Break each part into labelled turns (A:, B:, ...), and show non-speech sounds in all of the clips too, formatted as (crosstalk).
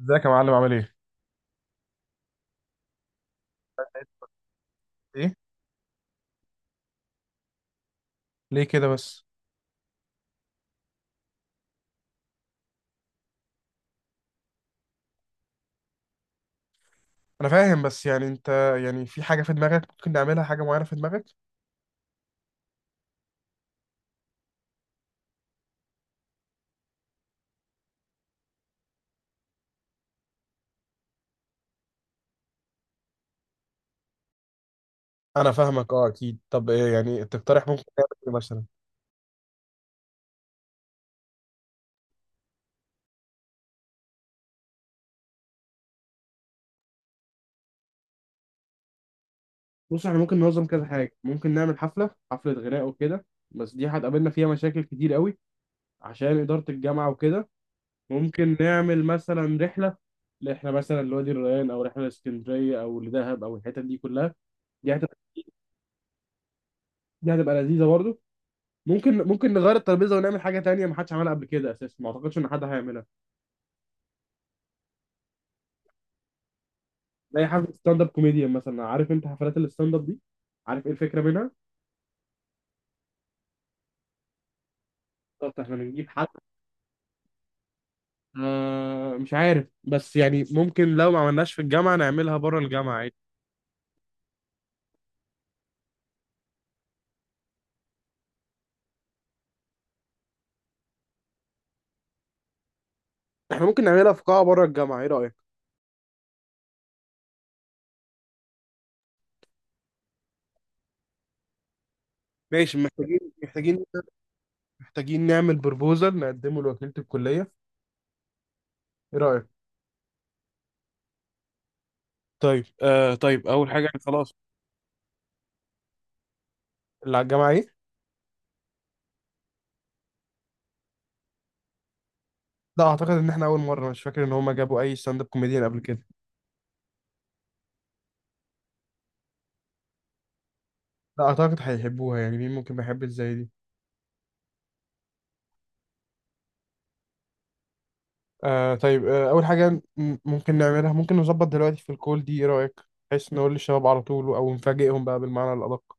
A: ازيك يا معلم؟ عامل ايه؟ ايه؟ ليه كده بس؟ انا فاهم، بس يعني انت، يعني في حاجة في دماغك؟ ممكن نعملها حاجة معينة في دماغك؟ انا فاهمك، اه، اكيد. طب ايه يعني تقترح؟ ممكن نعمل ايه مثلا؟ بص، احنا ممكن ننظم كذا حاجة. ممكن نعمل حفلة غناء وكده، بس دي هتقابلنا فيها مشاكل كتير قوي عشان إدارة الجامعة وكده. ممكن نعمل مثلا رحلة، احنا مثلا لوادي الريان او رحلة لاسكندرية او لدهب او الحتت دي كلها. دي هتبقى دي هتبقى لذيذة برضه. ممكن نغير الترابيزه ونعمل حاجه تانية ما حدش عملها قبل كده اساسا، ما اعتقدش ان حد هيعملها. زي حفله ستاند اب كوميديان مثلا. عارف انت حفلات الستاند اب دي؟ عارف ايه الفكره منها؟ بالظبط، احنا بنجيب حد. آه، مش عارف، بس يعني ممكن لو ما عملناش في الجامعه نعملها بره الجامعه عادي. احنا ممكن نعملها في قاعه بره الجامعه، ايه رايك؟ ماشي، محتاجين محتاجين نعمل بروبوزال نقدمه لوكيله الكليه، ايه رايك؟ طيب آه، طيب اول حاجه، يعني خلاص. اللي على الجامعه ايه؟ لا، اعتقد ان احنا اول مره، مش فاكر ان هم جابوا اي ستاند اب كوميديان قبل كده. لا، أعتقد هيحبوها، يعني مين ممكن ما يحبش زي دي؟ آه طيب، آه أول حاجة، ممكن نعملها، ممكن نظبط دلوقتي في الكول دي، إيه رأيك؟ بحيث نقول للشباب على طول، أو نفاجئهم بقى بالمعنى الأدق.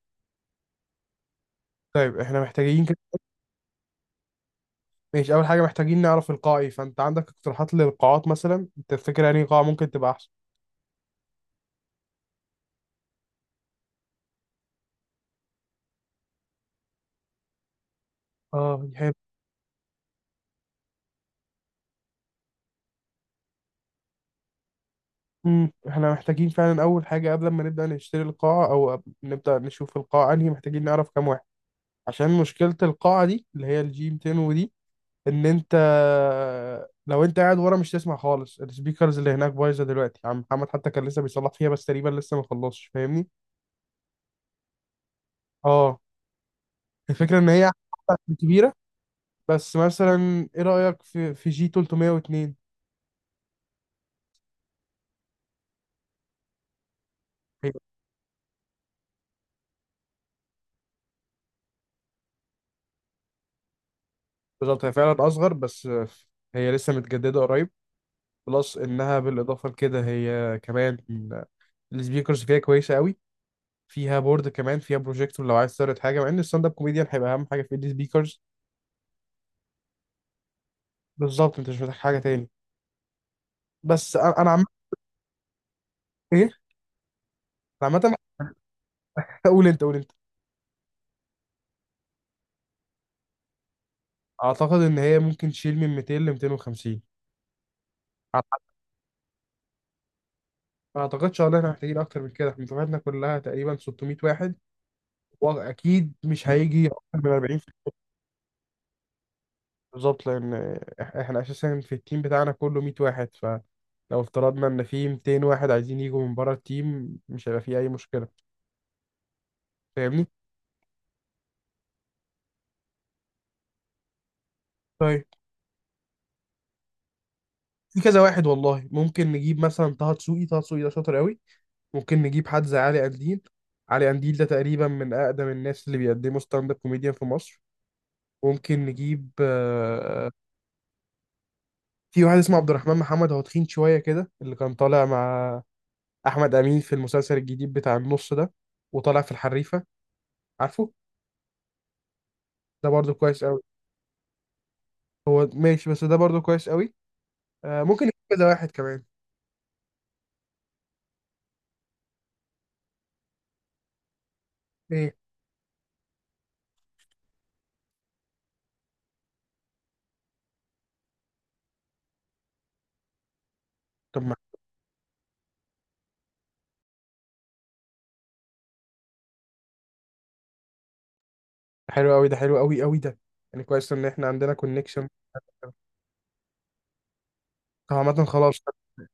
A: طيب إحنا محتاجين كده. ماشي، أول حاجة محتاجين نعرف القاع إيه. فأنت عندك اقتراحات للقاعات مثلا؟ أنت تفتكر يعني قاعة ممكن تبقى أحسن؟ آه، حلو. إحنا محتاجين فعلا أول حاجة قبل ما نبدأ نشتري القاعة، أو نبدأ نشوف القاعة أنهي، محتاجين نعرف كام واحد. عشان مشكلة القاعة دي اللي هي الجي 200 ودي، ان انت، لو انت قاعد ورا مش تسمع خالص. السبيكرز اللي هناك بايظه دلوقتي، عم محمد حتى كان لسه بيصلح فيها بس تقريبا لسه ما خلصش، فاهمني؟ اه. الفكره ان هي كبيره. بس مثلا ايه رايك في جي 302؟ هي بالظبط، هي فعلا اصغر، بس هي لسه متجدده قريب. بلس انها بالاضافه لكده هي كمان السبيكرز فيها كويسه قوي، فيها بورد كمان، فيها بروجيكتور لو عايز تعرض حاجه، مع ان الستاند اب كوميديان هيبقى اهم حاجه في السبيكرز. بالظبط، انت مش محتاج حاجه تاني. بس انا ايه؟ عامة (laughs) قول انت، قول انت. اعتقد ان هي ممكن تشيل من 200 ل 250. ما اعتقدش ان احنا محتاجين اكتر من كده، احنا دفعتنا كلها تقريبا 600 واحد، واكيد مش هيجي اكتر من 40. بالظبط، لان احنا اساسا في التيم بتاعنا كله 100 واحد، فلو افترضنا ان في 200 واحد عايزين يجوا من بره التيم مش هيبقى في اي مشكلة، فاهمني؟ طيب في كذا واحد والله. ممكن نجيب مثلا طه دسوقي، طه دسوقي ده شاطر قوي. ممكن نجيب حد زي علي قنديل، علي قنديل ده تقريبا من أقدم الناس اللي بيقدموا ستاند اب كوميديان في مصر. ممكن نجيب، آه، في واحد اسمه عبد الرحمن محمد، هو تخين شوية كده، اللي كان طالع مع أحمد أمين في المسلسل الجديد بتاع النص ده وطالع في الحريفة، عارفه؟ ده برضو كويس قوي. هو ماشي، بس ده برضو كويس قوي. آه، ممكن نجيب كذا واحد كمان. ايه؟ طب ما حلو قوي ده، حلو قوي قوي ده. يعني كويس ان احنا عندنا كونكشن. طب عامة خلاص،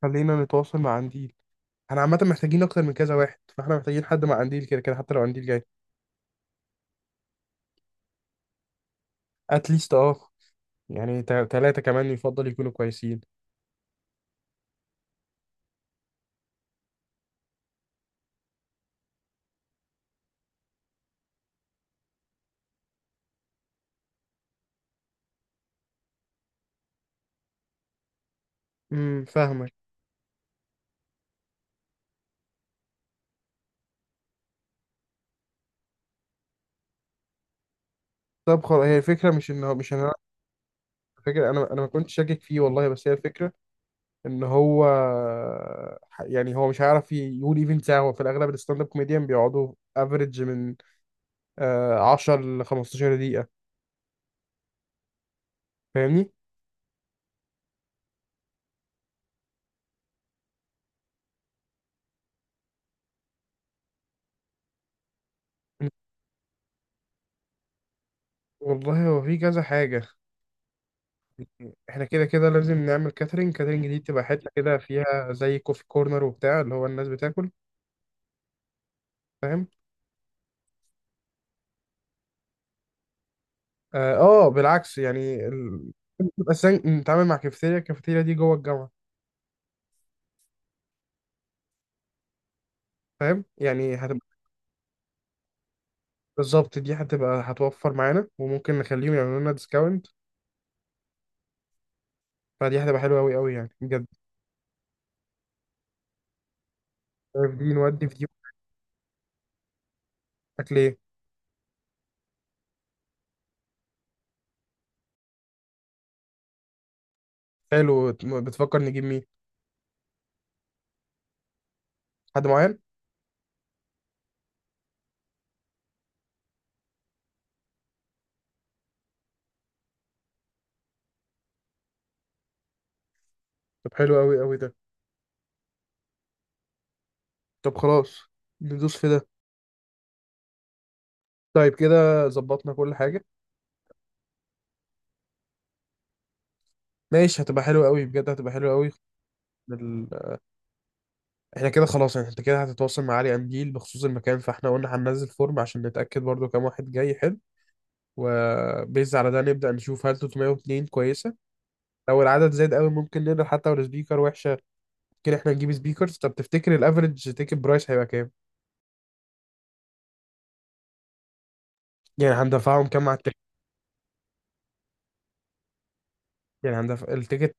A: خلينا نتواصل مع عندي. احنا عامة محتاجين اكتر من كذا واحد، فاحنا محتاجين حد مع قنديل كده كده حتى لو قنديل جاي. اتليست اه، يعني ثلاثة كمان يفضل يكونوا كويسين. فاهمك. طب خلاص، هي الفكرة مش ان هو، مش ان انا، فكرة، انا ما كنتش شاكك فيه والله، بس هي الفكرة ان هو، يعني هو مش هيعرف يقول ايفنت ساعة. هو في الاغلب الستاند اب كوميديان بيقعدوا افريج من 10 ل 15 دقيقة، فاهمني؟ والله هو في كذا حاجة. احنا كده كده لازم نعمل كاترينج. كاترينج دي تبقى حتة كده فيها زي كوفي كورنر وبتاع، اللي هو الناس بتاكل، فاهم؟ اه. آه، بالعكس، يعني ال... تبقى نتعامل مع كافيتيريا، الكافيتيريا دي جوه الجامعة، فاهم؟ يعني هتبقى، بالظبط، دي هتبقى هتوفر معانا وممكن نخليهم يعملوا لنا ديسكاونت، فدي هتبقى حلوة أوي أوي يعني بجد. عارف دي نودي في دي. أكل إيه؟ حلو. بتفكر نجيب مين؟ حد معين؟ طب حلو أوي أوي ده. طب خلاص، ندوس في ده. طيب كده ظبطنا كل حاجة. ماشي، هتبقى حلوة أوي بجد، هتبقى حلوة أوي. ال... احنا كده خلاص، يعني انت كده هتتواصل مع علي قنديل بخصوص المكان، فاحنا قلنا هننزل فورم عشان نتأكد برضو كام واحد جاي. حلو، وبيز على ده نبدأ نشوف هل 302 كويسة. لو العدد زاد قوي ممكن نقدر، حتى لو سبيكر وحشة ممكن احنا نجيب سبيكرز. طب تفتكر الافرج تيكت برايس هيبقى كام؟ يعني هندفعهم كام على التيكت؟ يعني هندفع التيكت.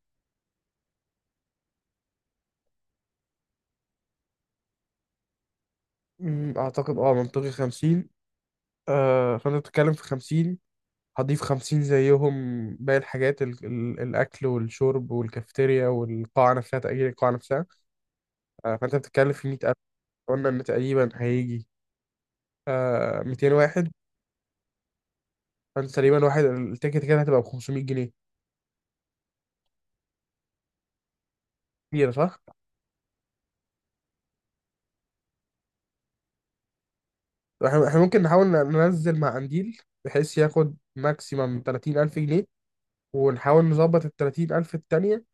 A: اعتقد اه منطقي 50. آه، فانت بتتكلم في 50، هضيف 50 زيهم باقي الحاجات، ال... ال... الاكل والشرب والكافيتيريا والقاعة نفسها، تأجير القاعة نفسها. آه، فانت بتتكلم في 100000. قلنا ان تقريبا هيجي آه 200 واحد، فانت تقريبا واحد التيكت كده هتبقى ب 500 جنيه. كتير صح؟ احنا ممكن نحاول ننزل مع قنديل بحيث ياخد ماكسيمم 30000 جنيه، ونحاول نظبط ال 30000 التانية،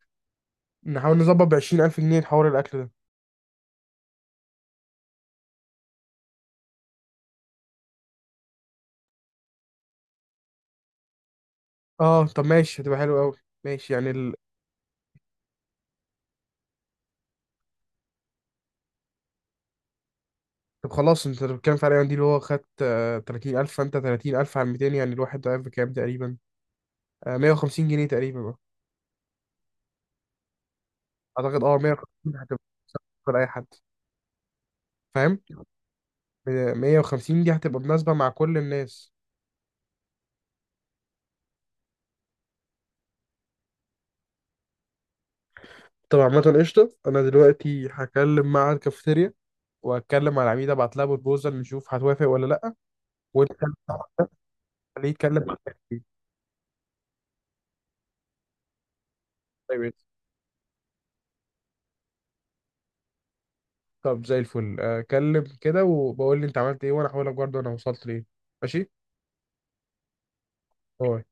A: نحاول نظبط ب 20000 جنيه حوار الاكل ده. اه طب ماشي، هتبقى حلو قوي. ماشي، يعني ال... طب خلاص، انت بتتكلم في علي قنديل هو خد آه 30000، فانت 30000 على 200، يعني الواحد ده بكام تقريبا؟ آه 150 جنيه تقريبا بقى. اعتقد اه 150 هتبقى أكتر اي حد، فاهم؟ 150 دي هتبقى مناسبة مع كل الناس. طب عامة قشطة، أنا دلوقتي هكلم مع الكافيتيريا، وهتكلم مع العميدة أبعت لها بروبوزال نشوف هتوافق ولا لأ. وأنت خليه يتكلم مع التيم. طيب قشطة. طب زي الفل، أكلم كده وبقول لي أنت عملت إيه وأنا هقول لك برضه أنا وصلت لإيه. ماشي؟ باي.